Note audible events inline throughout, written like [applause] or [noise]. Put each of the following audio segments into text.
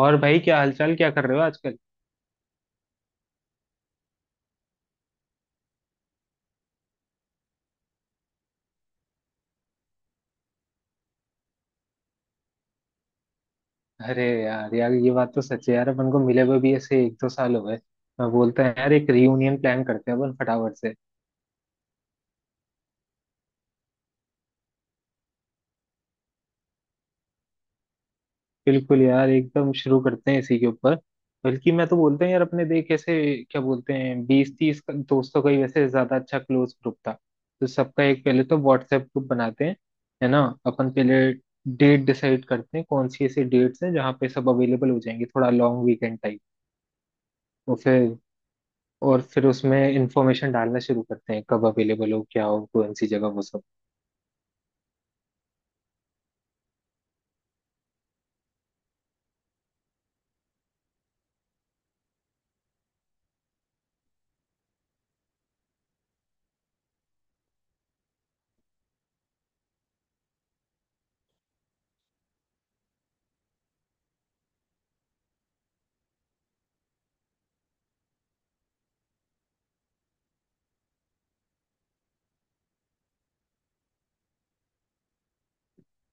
और भाई क्या हालचाल, क्या कर रहे हो आजकल। अरे यार यार, ये बात तो सच है यार, अपन को मिले हुए भी ऐसे 1-2 साल हो गए। मैं बोलता है यार, एक रियूनियन प्लान करते हैं अपन फटाफट से। बिल्कुल यार, एकदम शुरू करते हैं इसी के ऊपर। बल्कि मैं तो बोलता हूँ यार, अपने देख ऐसे क्या बोलते हैं, 20-30 दोस्तों का ही वैसे ज्यादा अच्छा क्लोज ग्रुप था। तो सबका एक, पहले तो व्हाट्सएप ग्रुप बनाते हैं। है ना? अपन पहले डेट डिसाइड करते हैं, कौन सी ऐसी डेट्स हैं जहाँ पे सब अवेलेबल हो जाएंगे, थोड़ा लॉन्ग वीकेंड टाइप। और फिर और फिर उसमें इंफॉर्मेशन डालना शुरू करते हैं, कब अवेलेबल हो, क्या हो, कौन सी जगह, वो सब।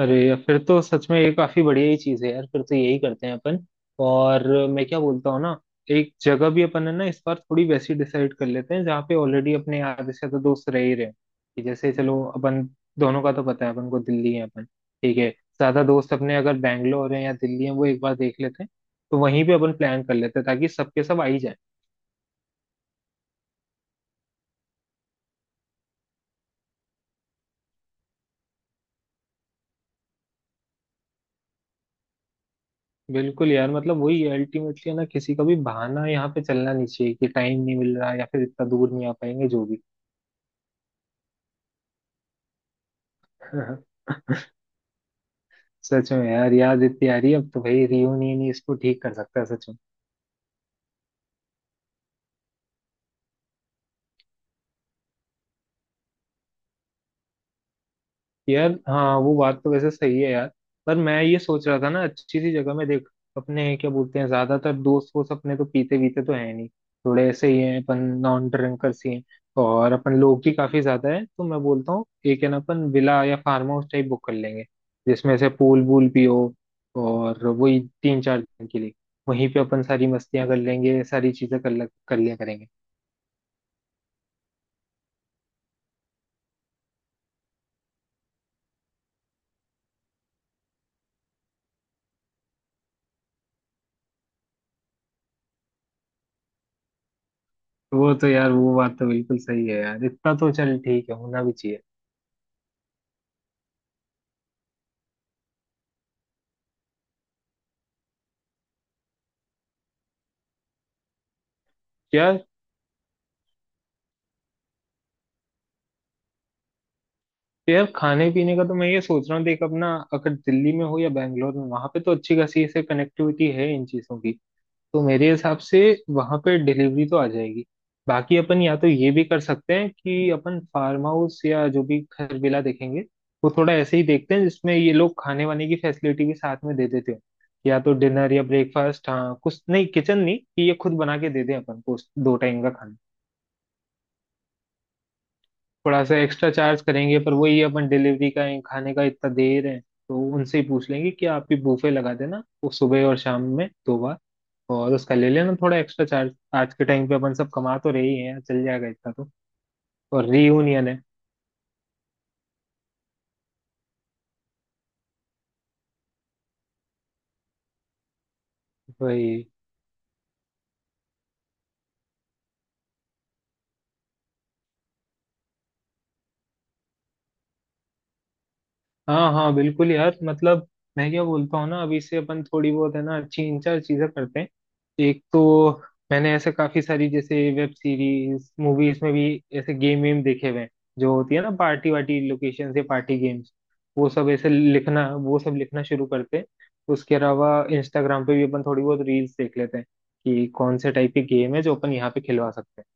अरे यार, फिर तो सच में ये काफी बढ़िया ही चीज है यार, फिर तो यही करते हैं अपन। और मैं क्या बोलता हूँ ना, एक जगह भी अपन, है ना, इस बार थोड़ी वैसी डिसाइड कर लेते हैं जहाँ पे ऑलरेडी अपने आधे से ज्यादा दोस्त रह ही रहे हैं। कि जैसे चलो अपन दोनों का तो पता है अपन को, दिल्ली है अपन। ठीक है, ज्यादा दोस्त अपने अगर बैंगलोर है या दिल्ली है, वो एक बार देख लेते हैं। तो वहीं पे अपन प्लान कर लेते हैं ताकि सबके सब आ ही जाए। बिल्कुल यार, मतलब वही अल्टीमेटली, है ना, किसी का भी बहाना यहाँ पे चलना नहीं चाहिए कि टाइम नहीं मिल रहा या फिर इतना दूर नहीं आ पाएंगे, जो भी। [laughs] सच में यार, याद इतनी आ रही है अब तो भाई, रियूनियन ही इसको ठीक कर सकता है सच में। यार हाँ, वो बात तो वैसे सही है यार। पर मैं ये सोच रहा था ना, अच्छी सी जगह में, देख अपने क्या बोलते हैं, ज्यादातर दोस्त वोस्त अपने तो पीते वीते तो है नहीं, थोड़े ऐसे ही हैं अपन, नॉन ड्रिंकर्स ही हैं। और अपन लोग ही काफी ज्यादा है, तो मैं बोलता हूँ एक, है ना, अपन विला या फार्म हाउस टाइप बुक कर लेंगे जिसमें से पूल वूल भी हो। और वही 3-4 दिन के लिए वहीं पे अपन सारी मस्तियां कर लेंगे, सारी चीजें कर लिया करेंगे। वो तो यार, वो बात तो बिल्कुल सही है यार, इतना तो चल, ठीक है, होना भी चाहिए। क्या? तो यार खाने पीने का तो मैं ये सोच रहा हूँ, देख अपना अगर दिल्ली में हो या बैंगलोर में, वहां पे तो अच्छी खासी ऐसे कनेक्टिविटी है इन चीजों की। तो मेरे हिसाब से वहां पे डिलीवरी तो आ जाएगी। बाकी अपन या तो ये भी कर सकते हैं कि अपन फार्म हाउस या जो भी घर विला देखेंगे, वो थोड़ा ऐसे ही देखते हैं जिसमें ये लोग खाने वाने की फैसिलिटी भी साथ में दे देते हैं। या तो डिनर या ब्रेकफास्ट, हाँ कुछ नहीं, किचन नहीं, कि ये खुद बना के दे दें अपन को दो टाइम का। थोड़ा सा एक्स्ट्रा चार्ज करेंगे, पर वही अपन डिलीवरी का खाने का इतना दे रहे हैं, तो उनसे ही पूछ लेंगे कि आप भी बूफे लगा देना, वो सुबह और शाम में 2 बार, और उसका ले लेना थोड़ा एक्स्ट्रा चार्ज। आज के टाइम पे अपन सब कमा तो रहे ही हैं, चल जाएगा इतना तो। और रीयूनियन है भाई। हाँ हाँ, बिल्कुल यार, मतलब मैं क्या बोलता हूँ ना, अभी से अपन थोड़ी बहुत, है ना, अच्छी इन चार चीजें करते हैं। एक तो मैंने ऐसे काफी सारी, जैसे वेब सीरीज मूवीज में भी, ऐसे गेम वेम देखे हुए हैं, जो होती है ना पार्टी वार्टी लोकेशन से, पार्टी गेम्स, वो सब ऐसे लिखना, वो सब लिखना शुरू करते हैं। उसके अलावा इंस्टाग्राम पे भी अपन थोड़ी बहुत रील्स देख लेते हैं कि कौन से टाइप की गेम है जो अपन यहाँ पे खिलवा सकते हैं।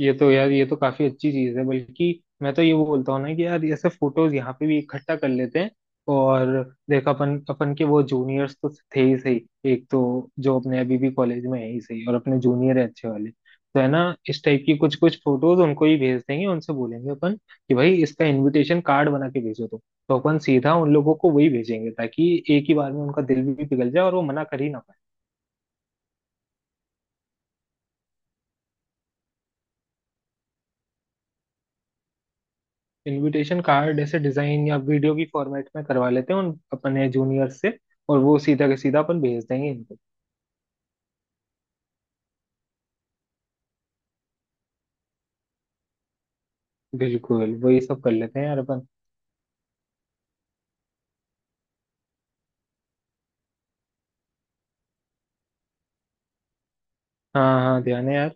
ये तो यार, ये तो काफी अच्छी चीज है। बल्कि मैं तो ये बोलता हूँ ना कि यार ऐसे फोटोज यहाँ पे भी इकट्ठा कर लेते हैं। और देख अपन अपन के वो जूनियर्स तो थे ही सही। एक तो जो अपने अभी भी कॉलेज में है ही सही, और अपने जूनियर है अच्छे वाले, तो है ना, इस टाइप की कुछ कुछ फोटोज उनको ही भेज देंगे, उनसे बोलेंगे अपन कि भाई इसका इनविटेशन कार्ड बना के भेजो, तो अपन सीधा उन लोगों को वही भेजेंगे ताकि एक ही बार में उनका दिल भी पिघल जाए और वो मना कर ही ना। इनविटेशन कार्ड ऐसे डिजाइन या वीडियो की फॉर्मेट में करवा लेते हैं उन अपने जूनियर से, और वो सीधा के सीधा अपन भेज देंगे इनको। बिल्कुल, वही सब कर लेते हैं यार अपन। हाँ हाँ ध्यान है यार।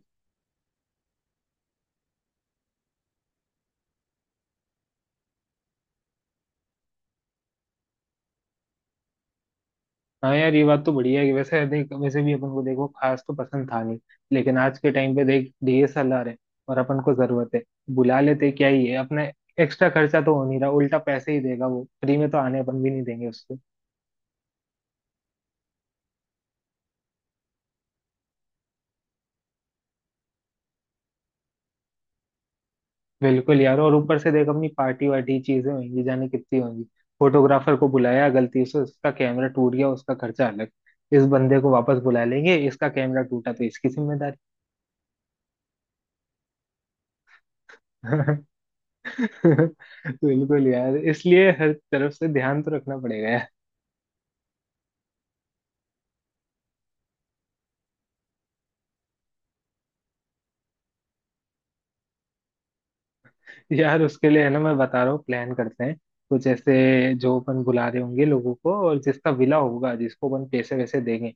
हाँ यार, ये बात तो बढ़िया है कि वैसे देख, वैसे भी अपन को देखो खास तो पसंद था नहीं, लेकिन आज के टाइम पे देख, डीएसएलआर है और अपन को जरूरत है, बुला लेते क्या ही है अपने, एक्स्ट्रा खर्चा तो हो नहीं रहा, उल्टा पैसे ही देगा वो, फ्री में तो आने अपन भी नहीं देंगे उसको। बिल्कुल यार, और ऊपर से देख, अपनी पार्टी वार्टी चीजें होंगी, जाने कितनी होंगी। फोटोग्राफर को बुलाया, गलती से उसका कैमरा टूट गया, उसका खर्चा अलग। इस बंदे को वापस बुला लेंगे, इसका कैमरा टूटा तो इसकी जिम्मेदारी। [laughs] बिल्कुल यार, इसलिए हर तरफ से ध्यान तो रखना पड़ेगा। यार उसके लिए, है ना, मैं बता रहा हूँ, प्लान करते हैं। कुछ ऐसे जो अपन बुला रहे होंगे लोगों को, और जिसका विला होगा, जिसको अपन पैसे वैसे देंगे,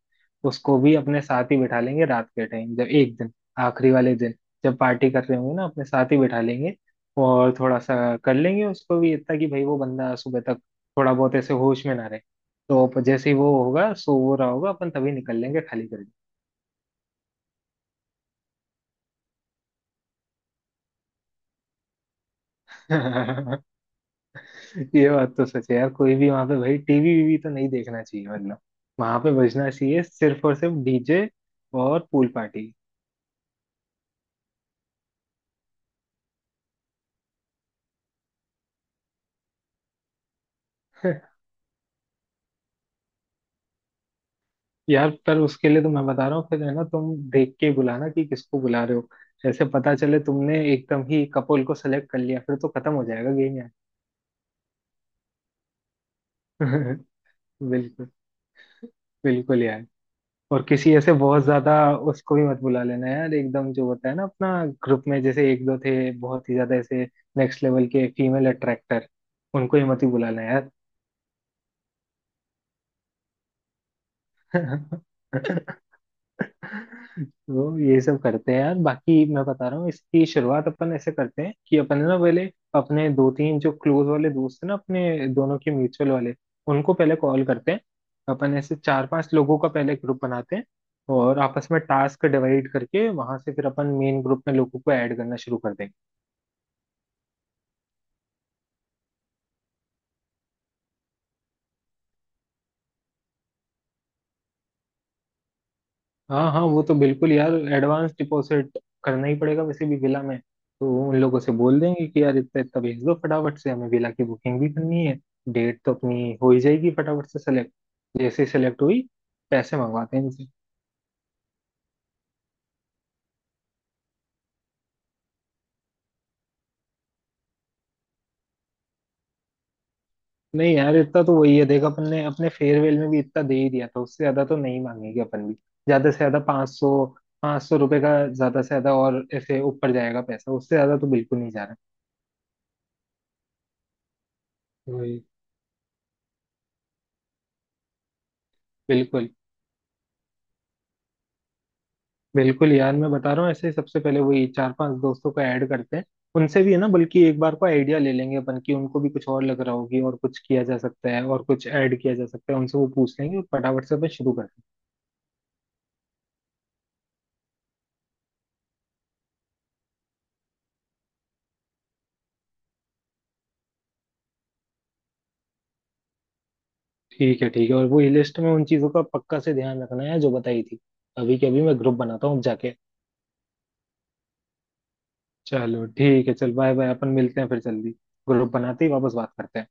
उसको भी अपने साथ ही बिठा लेंगे रात के टाइम जब, एक दिन आखिरी वाले दिन जब पार्टी कर रहे होंगे ना, अपने साथ ही बिठा लेंगे। और थोड़ा सा कर लेंगे उसको भी इतना कि भाई वो बंदा सुबह तक थोड़ा बहुत ऐसे होश में ना रहे। तो जैसे ही वो होगा, सो वो रहा होगा, अपन तभी निकल लेंगे खाली करके। [laughs] [laughs] ये बात तो सच है यार, कोई भी वहां पे भाई टीवी वीवी तो नहीं देखना चाहिए, मतलब वहां पे बजना चाहिए सिर्फ और सिर्फ डीजे और पूल पार्टी। [laughs] यार, पर उसके लिए तो मैं बता रहा हूँ फिर, है ना, तुम देख के बुलाना कि किसको बुला रहे हो। ऐसे पता चले तुमने एकदम ही कपोल को सेलेक्ट कर लिया, फिर तो खत्म हो जाएगा गेम यार। [laughs] बिल्कुल, बिल्कुल यार। और किसी ऐसे बहुत ज्यादा, उसको भी मत बुला लेना यार एकदम, जो होता है ना अपना ग्रुप में जैसे एक दो थे बहुत ही ज्यादा ऐसे, नेक्स्ट लेवल के फीमेल अट्रैक्टर, उनको ही मत ही बुला लेना यार। [laughs] [laughs] तो ये सब करते हैं यार। बाकी मैं बता रहा हूँ, इसकी शुरुआत अपन ऐसे करते हैं कि अपन, है ना, पहले अपने दो तीन जो क्लोज वाले दोस्त हैं ना, अपने दोनों के म्यूचुअल वाले, उनको पहले कॉल करते हैं। अपन ऐसे 4-5 लोगों का पहले ग्रुप बनाते हैं, और आपस में टास्क डिवाइड करके वहां से फिर अपन मेन ग्रुप में लोगों को ऐड करना शुरू कर देंगे। हाँ हाँ, वो तो बिल्कुल यार, एडवांस डिपॉजिट करना ही पड़ेगा वैसे भी विला में। तो वो उन लोगों से बोल देंगे कि यार इतना इतना भेज दो फटाफट से, हमें विला की बुकिंग भी करनी है। डेट तो अपनी हो ही जाएगी फटाफट से सेलेक्ट। जैसे ही सेलेक्ट हुई, पैसे मंगवाते हैं इनसे। नहीं यार, इतना तो वही है, देख अपन ने अपने फेयरवेल में भी इतना दे ही दिया था, उससे ज्यादा तो नहीं मांगेंगे अपन भी। ज्यादा से ज्यादा 500, 500 रुपये का ज्यादा से ज्यादा, और ऐसे ऊपर जाएगा पैसा, उससे ज्यादा तो बिल्कुल नहीं जा रहा है वही। बिल्कुल, बिल्कुल यार, मैं बता रहा हूँ ऐसे ही, सबसे पहले वही 4-5 दोस्तों को ऐड करते हैं। उनसे भी, है ना, बल्कि एक बार को आइडिया ले लेंगे अपन कि उनको भी कुछ और लग रहा होगी और कुछ किया जा सकता है, और कुछ ऐड किया जा सकता है उनसे, वो पूछ लेंगे और फटाफट से अपन शुरू करते हैं। ठीक है ठीक है, और वो लिस्ट में उन चीजों का पक्का से ध्यान रखना है जो बताई थी। अभी के अभी मैं ग्रुप बनाता हूँ जाके। चलो ठीक है, चल बाय बाय, अपन मिलते हैं फिर जल्दी। ग्रुप बनाते ही वापस बात करते हैं।